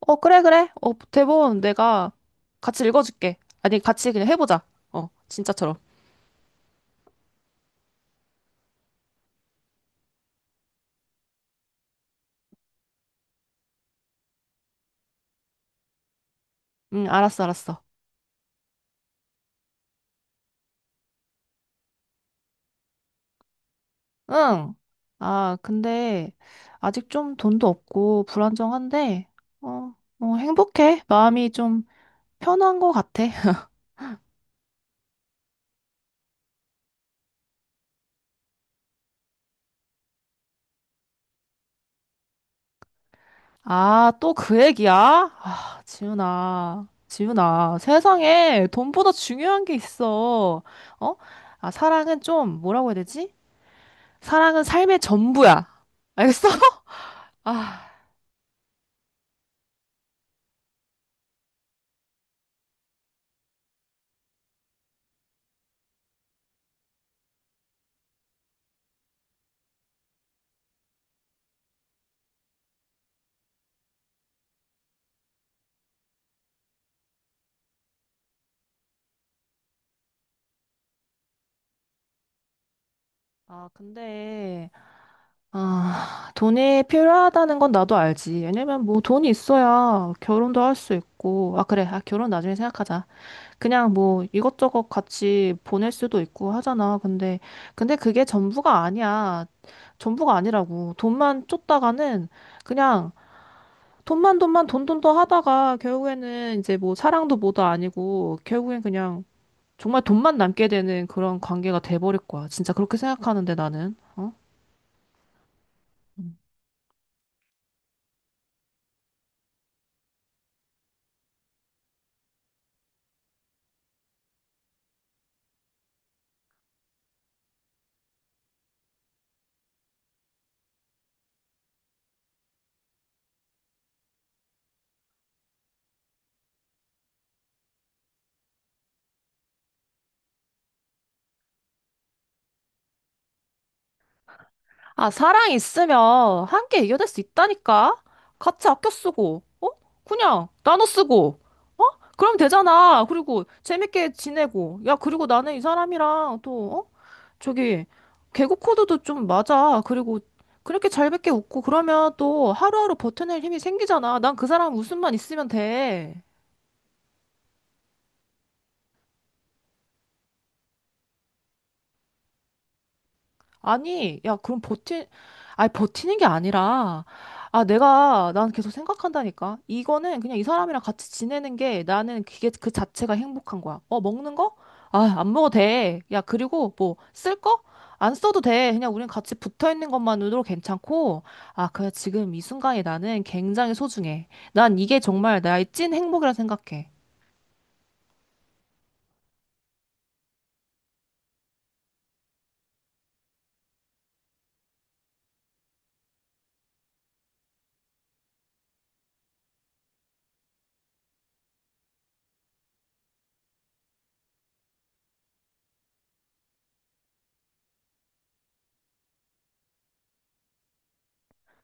그래, 그래. 대본 내가 같이 읽어줄게. 아니, 같이 그냥 해보자. 진짜처럼. 응, 알았어, 알았어. 응. 아, 근데 아직 좀 돈도 없고 불안정한데, 어, 행복해. 마음이 좀 편한 것 같아. 아, 또 그 얘기야? 아, 지훈아. 지훈아, 세상에 돈보다 중요한 게 있어. 어? 아, 사랑은 좀, 뭐라고 해야 되지? 사랑은 삶의 전부야. 알겠어? 아. 아, 근데, 아, 돈이 필요하다는 건 나도 알지. 왜냐면 뭐 돈이 있어야 결혼도 할 수 있고. 아, 그래. 아, 결혼 나중에 생각하자. 그냥 뭐 이것저것 같이 보낼 수도 있고 하잖아. 근데, 근데 그게 전부가 아니야. 전부가 아니라고. 돈만 쫓다가는 그냥 돈만 돈만 돈돈도 하다가 결국에는 이제 뭐 사랑도 뭐도 아니고 결국엔 그냥 정말 돈만 남게 되는 그런 관계가 돼버릴 거야. 진짜 그렇게 생각하는데 나는. 어? 아, 사랑 있으면 함께 이겨낼 수 있다니까? 같이 아껴 쓰고, 어? 그냥 나눠 쓰고, 어? 그럼 되잖아. 그리고 재밌게 지내고. 야, 그리고 나는 이 사람이랑 또, 어? 저기, 개그 코드도 좀 맞아. 그리고 그렇게 잘밖에 웃고 그러면 또 하루하루 버텨낼 힘이 생기잖아. 난 그 사람 웃음만 있으면 돼. 아니, 야, 그럼 버티, 아니, 버티는 게 아니라, 아, 내가, 난 계속 생각한다니까. 이거는 그냥 이 사람이랑 같이 지내는 게 나는 그게 그 자체가 행복한 거야. 어, 먹는 거? 아, 안 먹어도 돼. 야, 그리고 뭐, 쓸 거? 안 써도 돼. 그냥 우린 같이 붙어 있는 것만으로 괜찮고, 아, 그냥 지금 이 순간이 나는 굉장히 소중해. 난 이게 정말 나의 찐 행복이라 생각해.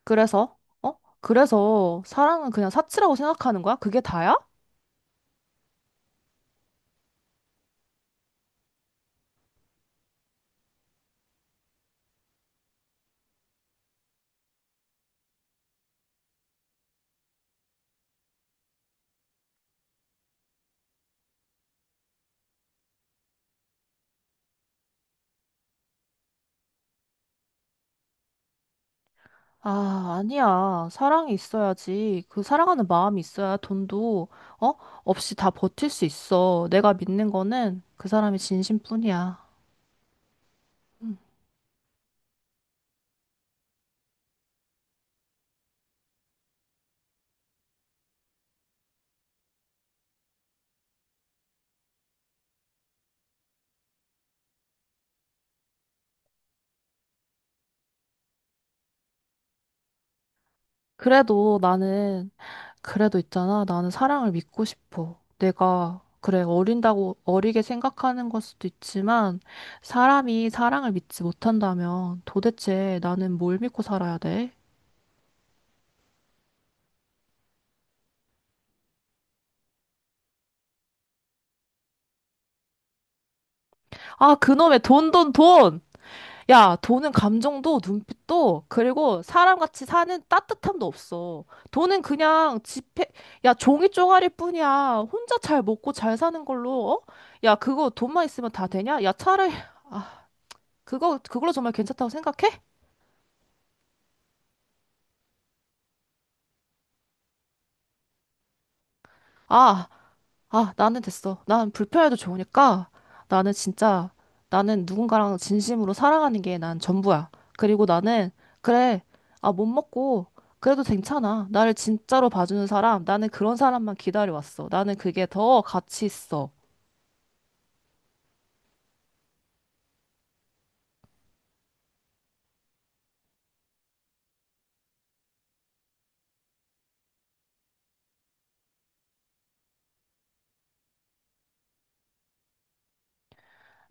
그래서, 어? 그래서 사랑은 그냥 사치라고 생각하는 거야? 그게 다야? 아, 아니야. 사랑이 있어야지. 그 사랑하는 마음이 있어야 돈도, 어? 없이 다 버틸 수 있어. 내가 믿는 거는 그 사람이 진심뿐이야. 그래도 나는, 그래도 있잖아. 나는 사랑을 믿고 싶어. 내가, 그래, 어린다고 어리게 생각하는 걸 수도 있지만, 사람이 사랑을 믿지 못한다면 도대체 나는 뭘 믿고 살아야 돼? 아, 그놈의 돈, 돈, 돈! 야, 돈은 감정도 눈빛도 그리고 사람같이 사는 따뜻함도 없어. 돈은 그냥 지폐, 야, 종이 쪼가리 뿐이야. 혼자 잘 먹고 잘 사는 걸로, 어? 야, 그거 돈만 있으면 다 되냐? 야, 차라리, 아, 그거, 그걸로 정말 괜찮다고 생각해? 아, 아, 나는 됐어. 난 불편해도 좋으니까 나는 진짜 나는 누군가랑 진심으로 사랑하는 게 난 전부야. 그리고 나는 그래. 아, 못 먹고 그래도 괜찮아. 나를 진짜로 봐주는 사람, 나는 그런 사람만 기다려왔어. 나는 그게 더 가치 있어.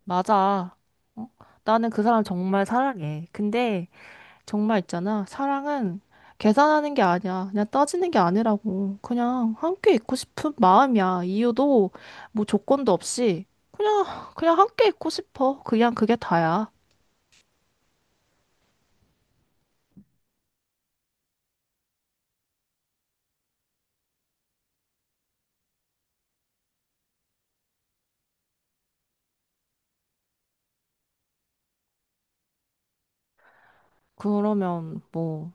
맞아. 어? 나는 그 사람 정말 사랑해. 근데 정말 있잖아. 사랑은 계산하는 게 아니야. 그냥 따지는 게 아니라고. 그냥 함께 있고 싶은 마음이야. 이유도 뭐 조건도 없이 그냥 그냥 함께 있고 싶어. 그냥 그게 다야. 그러면 뭐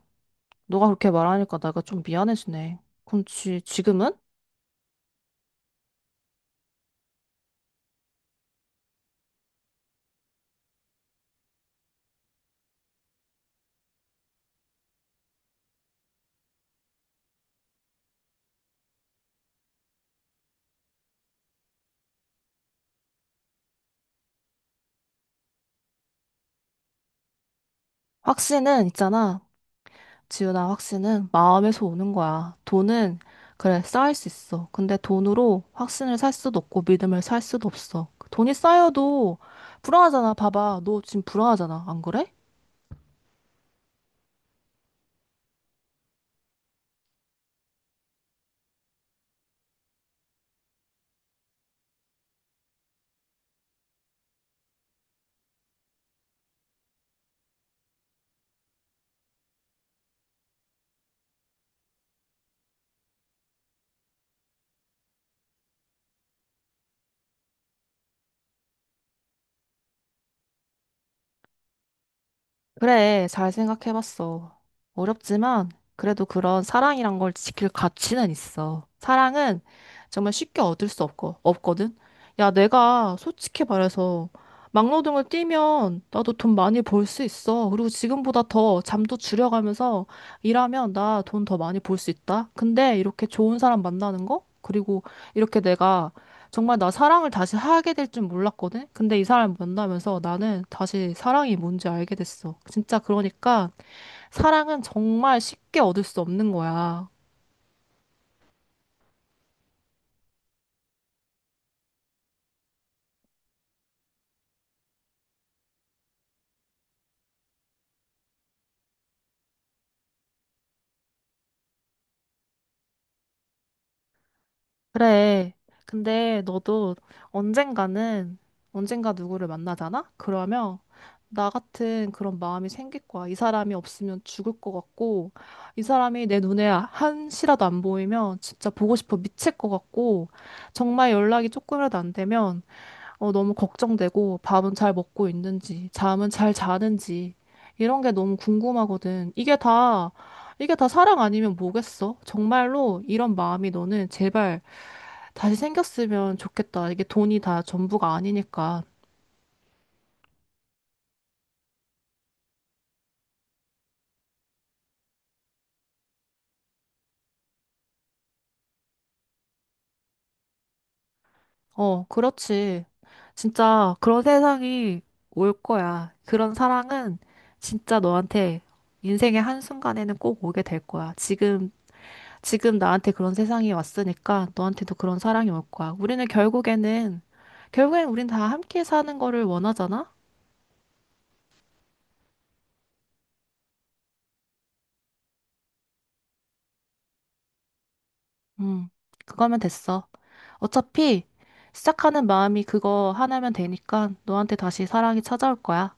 너가 그렇게 말하니까 내가 좀 미안해지네. 그럼 지, 지금은? 확신은 있잖아. 지훈아, 확신은 마음에서 오는 거야. 돈은, 그래, 쌓일 수 있어. 근데 돈으로 확신을 살 수도 없고 믿음을 살 수도 없어. 돈이 쌓여도 불안하잖아. 봐봐. 너 지금 불안하잖아. 안 그래? 그래, 잘 생각해봤어. 어렵지만, 그래도 그런 사랑이란 걸 지킬 가치는 있어. 사랑은 정말 쉽게 얻을 수 없고, 없거든? 야, 내가 솔직히 말해서, 막노동을 뛰면 나도 돈 많이 벌 수 있어. 그리고 지금보다 더 잠도 줄여가면서 일하면 나 돈 더 많이 벌 수 있다. 근데 이렇게 좋은 사람 만나는 거? 그리고 이렇게 내가 정말 나 사랑을 다시 하게 될 줄 몰랐거든? 근데 이 사람 만나면서 나는 다시 사랑이 뭔지 알게 됐어. 진짜 그러니까 사랑은 정말 쉽게 얻을 수 없는 거야. 그래. 근데 너도 언젠가는, 언젠가 누구를 만나잖아? 그러면 나 같은 그런 마음이 생길 거야. 이 사람이 없으면 죽을 것 같고, 이 사람이 내 눈에 한시라도 안 보이면 진짜 보고 싶어 미칠 것 같고, 정말 연락이 조금이라도 안 되면 너무 걱정되고 밥은 잘 먹고 있는지, 잠은 잘 자는지, 이런 게 너무 궁금하거든. 이게 다, 이게 다 사랑 아니면 뭐겠어? 정말로 이런 마음이 너는 제발 다시 생겼으면 좋겠다. 이게 돈이 다 전부가 아니니까. 어, 그렇지. 진짜 그런 세상이 올 거야. 그런 사랑은 진짜 너한테 인생의 한순간에는 꼭 오게 될 거야. 지금 나한테 그런 세상이 왔으니까 너한테도 그런 사랑이 올 거야. 우리는 결국에는, 결국엔 우린 다 함께 사는 거를 원하잖아? 음, 그거면 됐어. 어차피 시작하는 마음이 그거 하나면 되니까 너한테 다시 사랑이 찾아올 거야.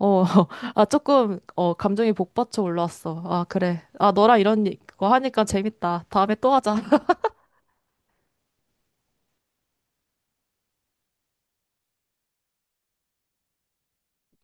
어, 아, 조금, 감정이 복받쳐 올라왔어. 아, 그래. 아, 너랑 이런 거 하니까 재밌다. 다음에 또 하자.